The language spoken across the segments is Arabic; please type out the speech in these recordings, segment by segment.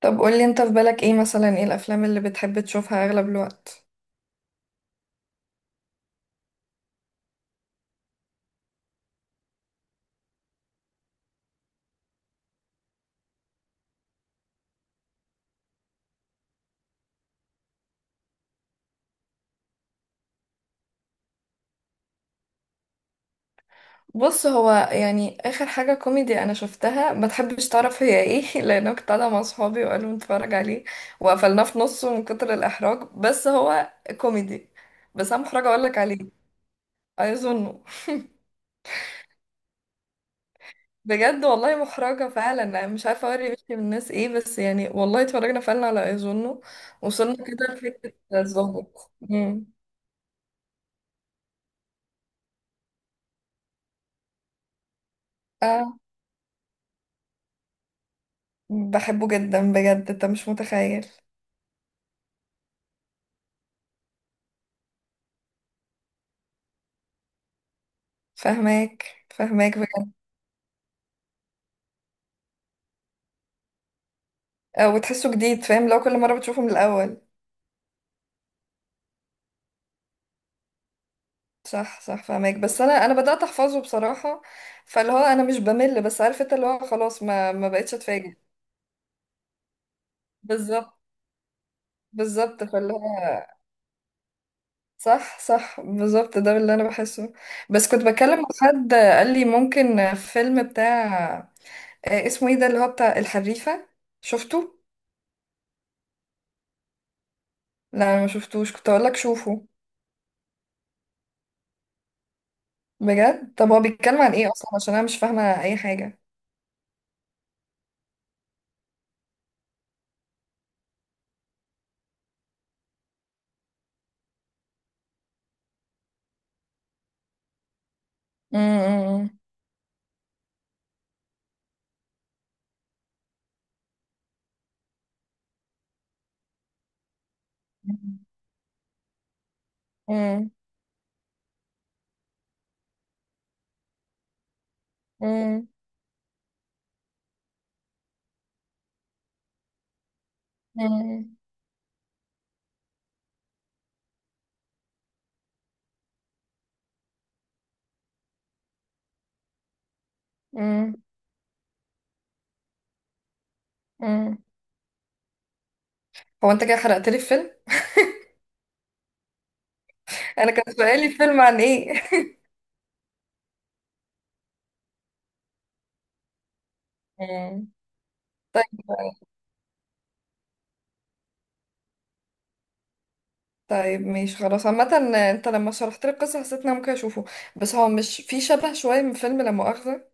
طب قولي انت، في بالك ايه مثلا؟ ايه الافلام اللي بتحب تشوفها اغلب الوقت؟ بص، هو يعني اخر حاجة كوميدي انا شفتها ما تحبش تعرف هي ايه. لان أنا كنت قاعدة مع صحابي وقالوا نتفرج عليه، وقفلناه في نصه من كتر الاحراج. بس هو كوميدي، بس انا محرجة اقولك عليه. اظنه. بجد والله محرجة فعلا، انا مش عارفة اوري وشي من الناس ايه، بس يعني والله اتفرجنا فعلا على ايظنه. وصلنا كده لفكرة الظابط اه، بحبه جدا بجد، انت مش متخيل. فاهماك فاهماك بجد. وتحسه جديد، فاهم؟ لو كل مرة بتشوفه من الأول. صح صح، فاهماك. بس أنا بدأت أحفظه بصراحة. فاللي هو أنا مش بمل، بس عارف أنت اللي هو خلاص ما بقتش أتفاجئ. بالظبط، بالظبط، فاللي هو صح صح بالظبط ده اللي أنا بحسه. بس كنت بتكلم مع حد قال لي ممكن فيلم بتاع، اسمه إيه، ده اللي هو بتاع الحريفة، شفته؟ لا، أنا ما شفتوش، كنت أقول لك شوفه. بجد؟ طب هو بيتكلم عن إيه أصلا عشان أنا مش فاهمة أي حاجة. امم. مم. مم. مم. مم. مم. هو انت كده حرقت لي الفيلم. انا كان سؤالي الفيلم عن ايه؟ مم. طيب، طيب ماشي، خلاص عامة. انت لما شرحت لي القصة حسيت ان انا ممكن اشوفه. بس هو مش في شبه شوية من فيلم لا مؤاخذة؟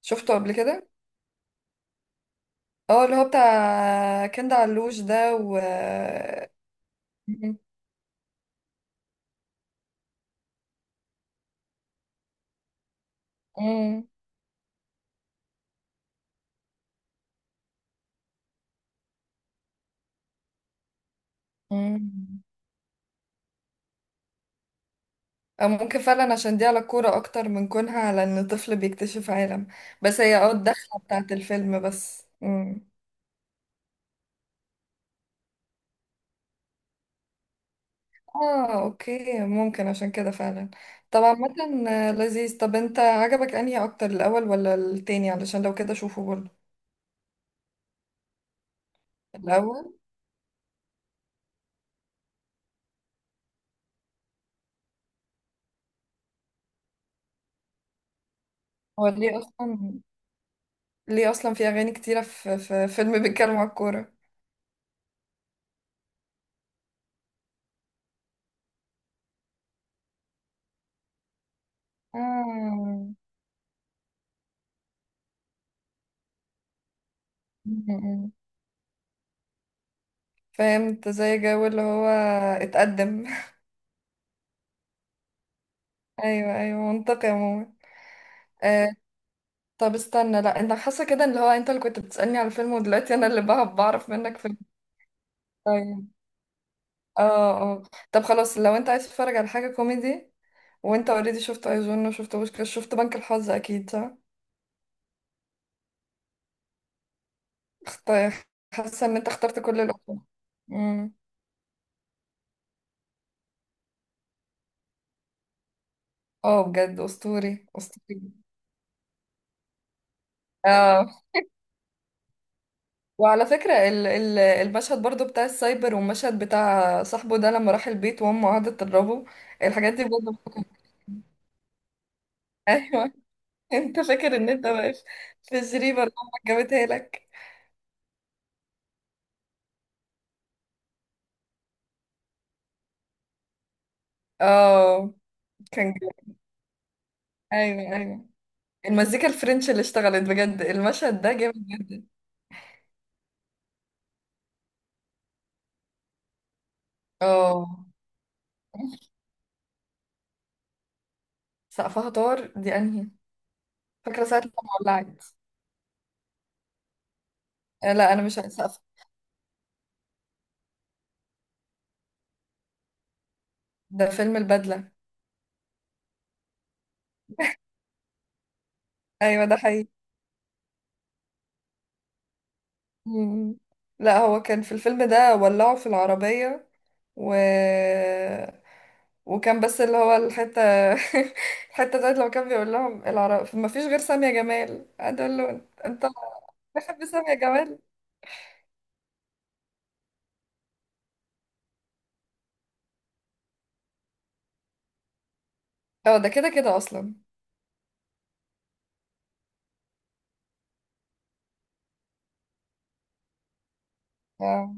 شفته قبل كده. اه، اللي هو بتاع كند علوش ده و... مم. مم. مم. او ممكن فعلا عشان دي على الكورة اكتر من كونها على ان طفل بيكتشف عالم. بس هي الدخلة بتاعت الفيلم بس. مم. اه، اوكي، ممكن عشان كده فعلا. طبعا، مثلا لذيذ. طب انت عجبك انهي اكتر، الاول ولا التاني؟ علشان لو كده شوفه برضه. الاول. هو ليه اصلا، ليه اصلا في اغاني كتيرة في فيلم بيتكلم على الكورة؟ آه. م- م. فهمت زي جو اللي هو اتقدم. ايوه، ايوه، منطقي عموما. آه. طب استنى، لا، انت حاسه كده ان اللي هو انت اللي كنت بتسألني على الفيلم، ودلوقتي انا اللي بعرف منك فيلم؟ طيب. اه، اه، طب خلاص. لو انت عايز تتفرج على حاجة كوميدي، وانت اوريدي شفت ايجون، وشفت بوشكاش، شفت بنك الحظ، اكيد صح؟ اخت- حاسة ان انت اخترت كل الأفلام. امم. اه، بجد اسطوري اسطوري. اه، وعلى فكرة ال المشهد برضو بتاع السايبر، والمشهد بتاع صاحبه ده لما راح البيت وامه قعدت تضربه، الحاجات دي بجد بتفكر فيها. ايوه. انت فاكر ان انت واقف في الجريمة اللي امك جابتها لك. اه، كان جامد. ايوه، ايوه، المزيكا الفرنش اللي اشتغلت بجد المشهد ده جامد جدا. اه، سقفها طار، دي انهي؟ فاكره ساعه لما ولعت. آه، لا، انا مش عايزة سقف، ده فيلم البدله. ايوه، ده حقيقي. مم. لا، هو كان في الفيلم ده ولعوا في العربيه و... وكان بس اللي هو الحته، الحته بتاعت لما كان بيقول لهم العرب ما فيش غير سامية جمال، قعد يقول له: انت بتحب سامية جمال؟ اه، ده كده كده اصلا. آه.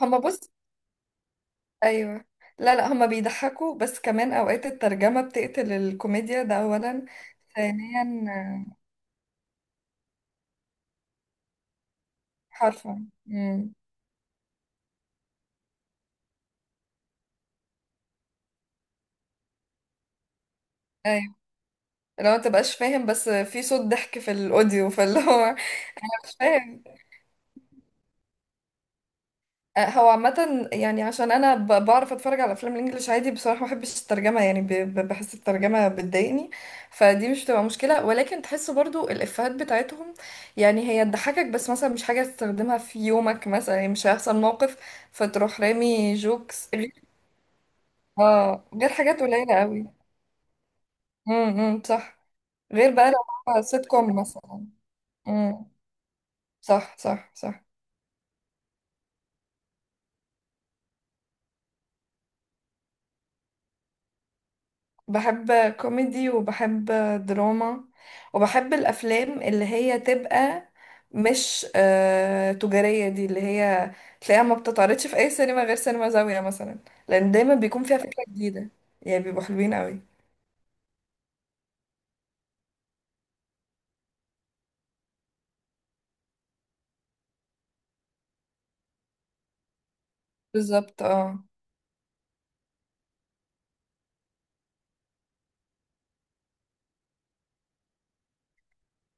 هما، بص، ايوه، لا لا، هما بيضحكوا، بس كمان اوقات الترجمة بتقتل الكوميديا، ده اولا. ثانيا، حرفا. امم. ايوه، لو ما تبقاش فاهم بس في صوت ضحك في الاوديو، فاللي هو مش فاهم. هو عامة يعني عشان أنا بعرف أتفرج على أفلام الإنجليش عادي، بصراحة ما بحبش الترجمة، يعني بحس الترجمة بتضايقني. فدي مش بتبقى مشكلة، ولكن تحس برضو الإفيهات بتاعتهم، يعني هي تضحكك بس مثلا مش حاجة تستخدمها في يومك، مثلا يعني مش هيحصل موقف فتروح رامي جوكس، غير... اه، غير حاجات قليلة قوي. امم، صح. غير بقى لو هو سيت كوم مثلا. امم. صح، صح، صح. بحب كوميدي، وبحب دراما، وبحب الافلام اللي هي تبقى مش تجارية، دي اللي هي تلاقيها ما بتتعرضش في اي سينما غير سينما زاوية مثلا، لان دايما بيكون فيها فكرة جديدة. يعني بيبقوا حلوين قوي. بالظبط، اه.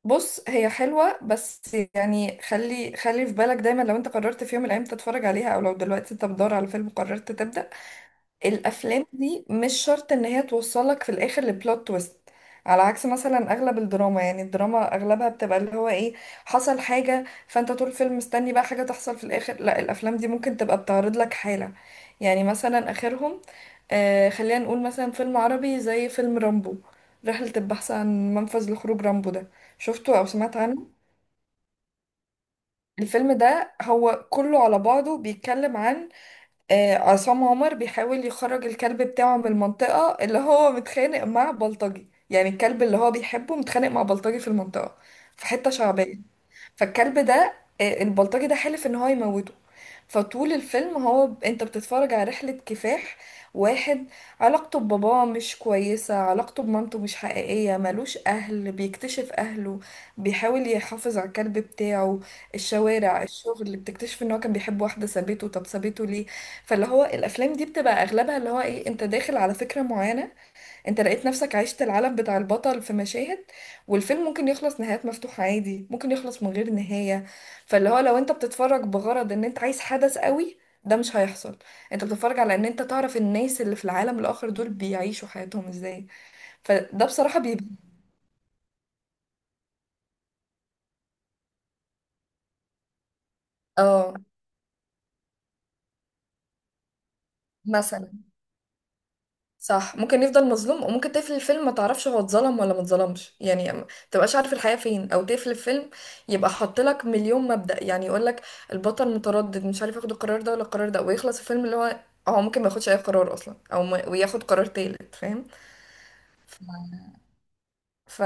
بص، هي حلوة، بس يعني خلي خلي في بالك دايما، لو انت قررت في يوم من الايام تتفرج عليها، او لو دلوقتي انت بتدور على فيلم قررت تبدأ. الافلام دي مش شرط ان هي توصلك في الاخر لبلوت تويست، على عكس مثلا اغلب الدراما. يعني الدراما اغلبها بتبقى اللي هو ايه، حصل حاجة فانت طول الفيلم مستني بقى حاجة تحصل في الاخر. لا، الافلام دي ممكن تبقى بتعرض لك حالة. يعني مثلا اخرهم، خلينا نقول مثلا فيلم عربي زي فيلم رامبو، رحلة البحث عن منفذ لخروج رامبو ده. شفته او سمعت عنه؟ الفيلم ده هو كله على بعضه بيتكلم عن، عصام عمر بيحاول يخرج الكلب بتاعه من المنطقة اللي هو متخانق مع بلطجي، يعني الكلب اللي هو بيحبه متخانق مع بلطجي في المنطقة، في حتة شعبية. فالكلب ده، البلطجي ده حلف ان هو يموته. فطول الفيلم هو انت بتتفرج على رحلة كفاح واحد، علاقته بباباه مش كويسة، علاقته بمامته مش حقيقية، ملوش أهل، بيكتشف أهله، بيحاول يحافظ على الكلب بتاعه، الشوارع، الشغل، اللي بتكتشف ان هو كان بيحب واحدة سابته، طب سابته ليه؟ فاللي هو الأفلام دي بتبقى أغلبها اللي هو ايه، انت داخل على فكرة معينة، انت لقيت نفسك عشت العالم بتاع البطل في مشاهد، والفيلم ممكن يخلص نهايات مفتوحة عادي، ممكن يخلص من غير نهاية. فاللي هو لو انت بتتفرج بغرض ان انت عايز حدث قوي، ده مش هيحصل. انت بتتفرج على ان انت تعرف الناس اللي في العالم الاخر دول بيعيشوا حياتهم ازاي. فده بصراحة بيبقى... اه، مثلا. صح، ممكن يفضل مظلوم، وممكن تقفل الفيلم ما تعرفش هو اتظلم ولا ما اتظلمش، يعني ما تبقاش عارف الحقيقة فين، او تقفل الفيلم يبقى حاط لك مليون مبدأ، يعني يقول لك البطل متردد مش عارف ياخد القرار ده ولا القرار ده، ويخلص الفيلم اللي هو هو ممكن ما ياخدش اي قرار اصلا، او ما وياخد قرار تالت، فاهم؟ ف...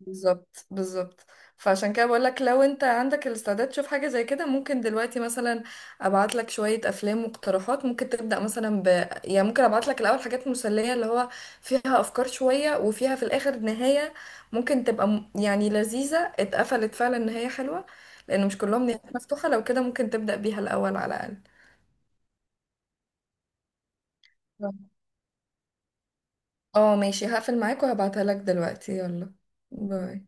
بالظبط، بالظبط. فعشان كده بقول لك، لو انت عندك الاستعداد تشوف حاجه زي كده، ممكن دلوقتي مثلا ابعت لك شويه افلام واقتراحات، ممكن تبدا مثلا ب... يعني ممكن ابعت لك الاول حاجات مسليه اللي هو فيها افكار شويه، وفيها في الاخر نهايه ممكن تبقى يعني لذيذه، اتقفلت فعلا نهايه حلوه. لان مش كلهم نهايات مفتوحه، لو كده ممكن تبدا بيها الاول على الاقل. اه، ماشي، هقفل معاك وهبعتها لك دلوقتي، يلا. باي.